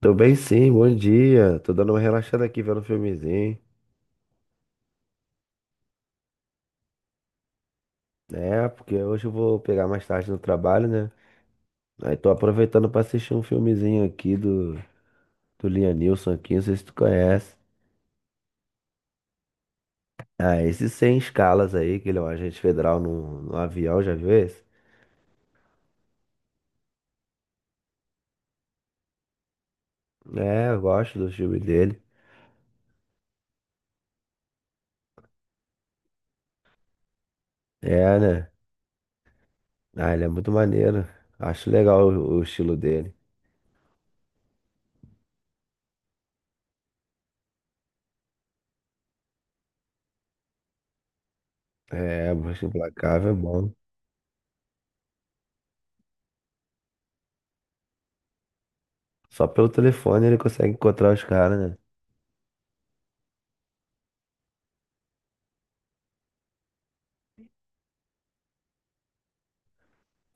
Tô bem sim, bom dia. Tô dando uma relaxada aqui vendo um filmezinho. É, porque hoje eu vou pegar mais tarde no trabalho, né? Aí tô aproveitando pra assistir um filmezinho aqui do Lianilson aqui, não sei se tu conhece. Ah, esse Sem Escalas aí, que ele é um agente federal no avião, já viu esse? É, eu gosto do filme dele. É, né? Ah, ele é muito maneiro. Acho legal o estilo dele. É, Busca Implacável é bom. Só pelo telefone ele consegue encontrar os caras, né?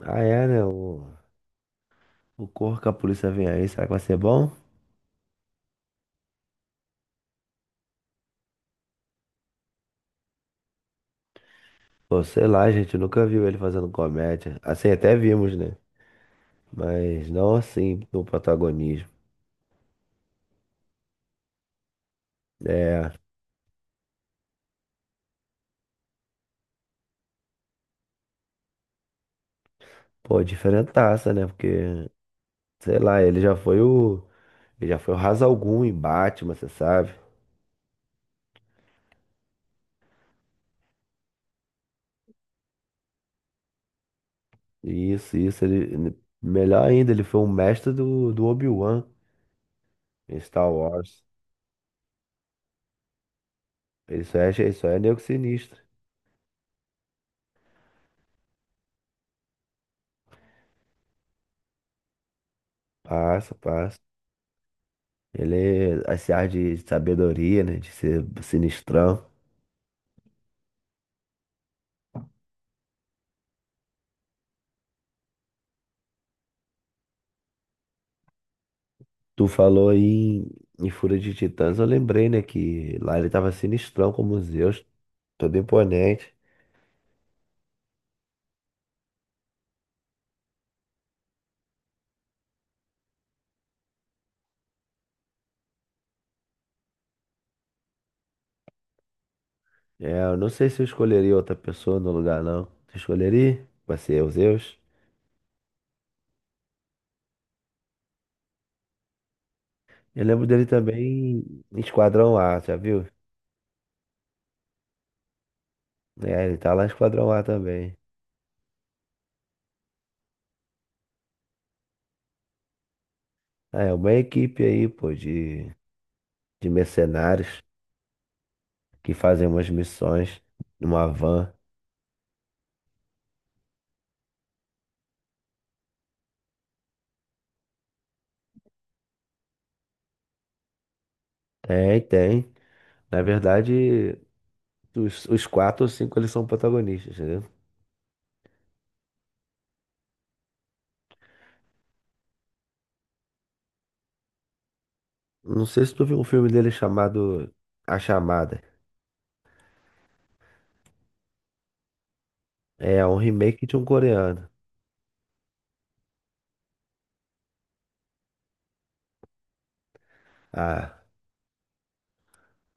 Ah, é, né? O Corra que a Polícia Vem Aí, será que vai ser bom? Pô, sei lá, a gente, nunca viu ele fazendo comédia. Assim, até vimos, né? Mas não assim, no protagonismo. É, pô, diferentaça, né? Porque, sei lá, ele já foi o. Ele já foi o Ra's al Ghul em Batman, você sabe? Isso, ele. Melhor ainda, ele foi o mestre do Obi-Wan em Star Wars. Isso é nego sinistro. Passa, passa. Ele, esse ar de sabedoria, né? De ser sinistrão. Tu falou aí em Fúria de Titãs, eu lembrei, né, que lá ele tava sinistrão como Zeus, todo imponente. É, eu não sei se eu escolheria outra pessoa no lugar, não. Tu escolheria? Vai ser o Zeus? Eu lembro dele também em Esquadrão A, já viu? É, ele tá lá em Esquadrão A também. Ah, é uma equipe aí, pô, de mercenários que fazem umas missões numa van. Tem, tem. Na verdade, os quatro ou cinco eles são protagonistas, entendeu? Não sei se tu viu um filme dele chamado A Chamada. É um remake de um coreano. Ah,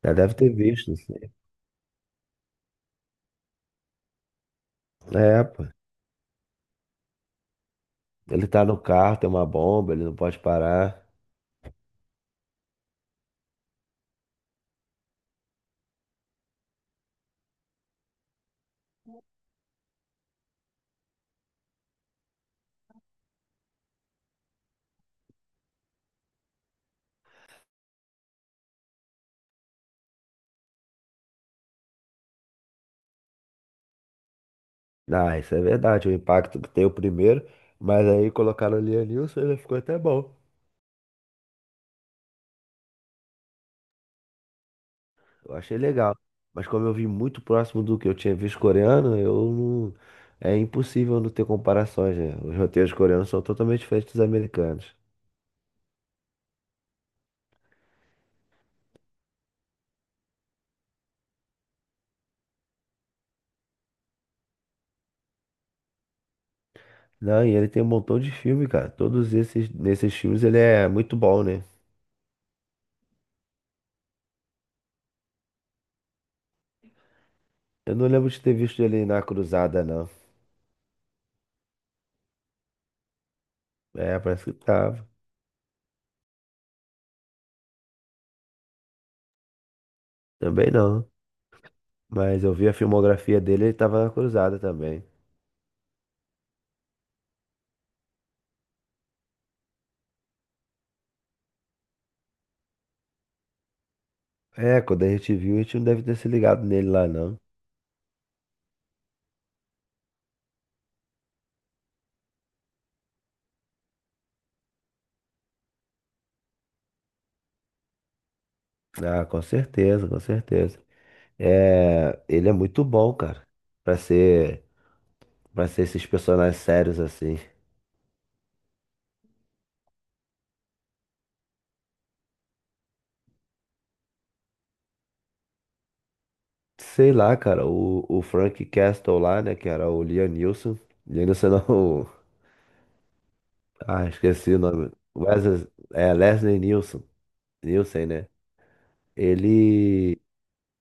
já deve ter visto. Assim. É, pô. Ele tá no carro, tem uma bomba, ele não pode parar. Ah, isso é verdade, o impacto que tem o primeiro. Mas aí colocaram o Lianilson e ele ficou até bom. Eu achei legal. Mas como eu vi muito próximo do que eu tinha visto coreano, eu não... É impossível não ter comparações, né? Os roteiros coreanos são totalmente diferentes dos americanos. Não, e ele tem um montão de filme, cara. Todos esses, nesses filmes ele é muito bom, né? Eu não lembro de ter visto ele na Cruzada, não. É, parece que tava. Também não. Mas eu vi a filmografia dele, ele tava na Cruzada também. É, quando a gente viu, a gente não deve ter se ligado nele lá, não. Ah, com certeza, com certeza. É, ele é muito bom, cara. Pra ser, pra ser esses personagens sérios assim. Sei lá, cara, o Frank Castle lá, né, que era o Liam Neeson. Liam Neeson não, ah, esqueci o nome. Wesley, é, Leslie Nielsen, Nielsen, né? Ele,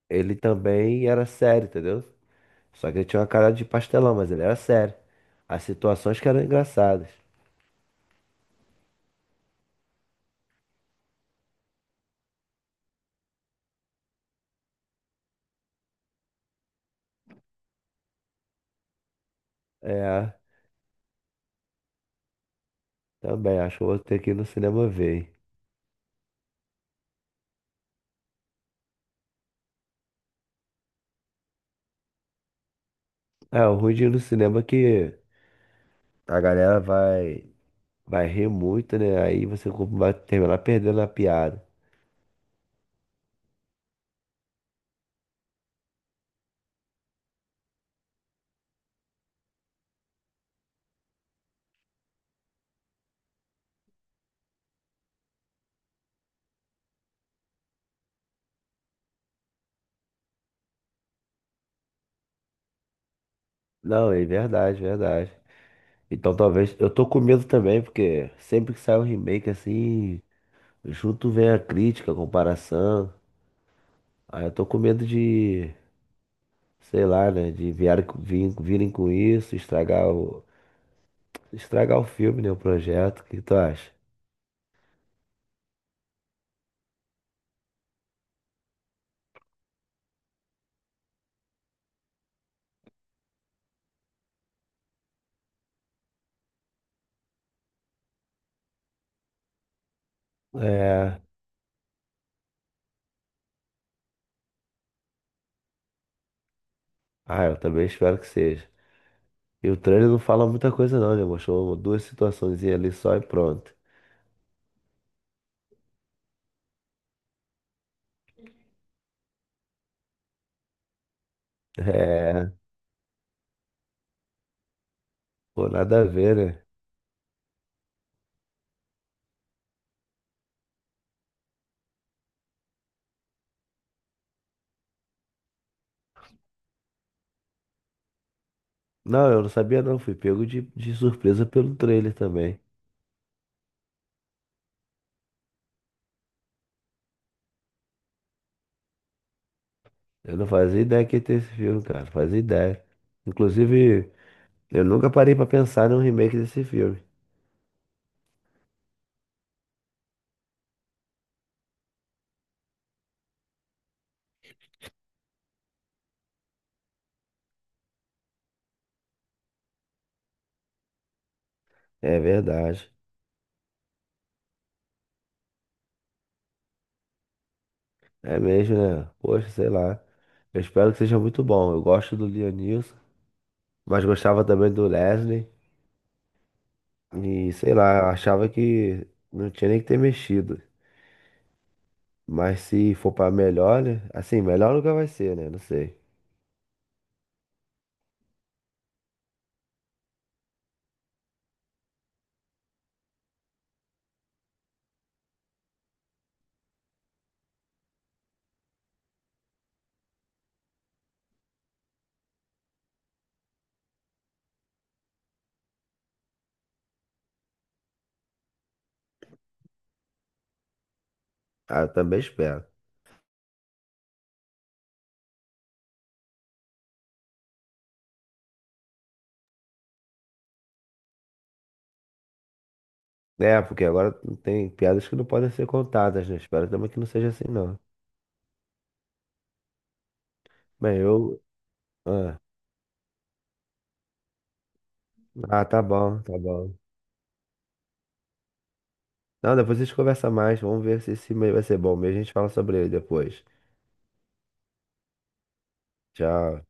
ele também era sério, entendeu? Só que ele tinha uma cara de pastelão, mas ele era sério. As situações que eram engraçadas. É, também, acho que eu vou ter que ir no cinema ver. Hein? É, o ruim de ir no cinema é que a galera vai rir muito, né? Aí você vai terminar perdendo a piada. Não, é verdade, verdade. Então talvez. Eu tô com medo também, porque sempre que sai um remake assim. Junto vem a crítica, a comparação. Aí eu tô com medo de, sei lá, né? De virem com isso, estragar o filme, né? O projeto. O que tu acha? É. Ah, eu também espero que seja. E o trailer não fala muita coisa não, né? Mostrou duas situações ali só e pronto. É. Pô, nada a ver, né? Não, eu não sabia não. Fui pego de surpresa pelo trailer também. Eu não fazia ideia que ia ter esse filme, cara. Não fazia ideia. Inclusive. Eu nunca parei pra pensar num remake desse filme. É verdade. É mesmo, né? Poxa, sei lá. Eu espero que seja muito bom. Eu gosto do Leonilson, mas gostava também do Leslie. E sei lá, eu achava que não tinha nem que ter mexido. Mas se for pra melhor, né? Assim, melhor nunca vai ser, né? Não sei. Ah, eu também espero. É, porque agora não tem piadas que não podem ser contadas, né? Espero também que não seja assim, não. Bem, eu. Ah, tá bom, tá bom. Não, depois a gente conversa mais. Vamos ver se esse e-mail vai ser bom mesmo. A gente fala sobre ele depois. Tchau.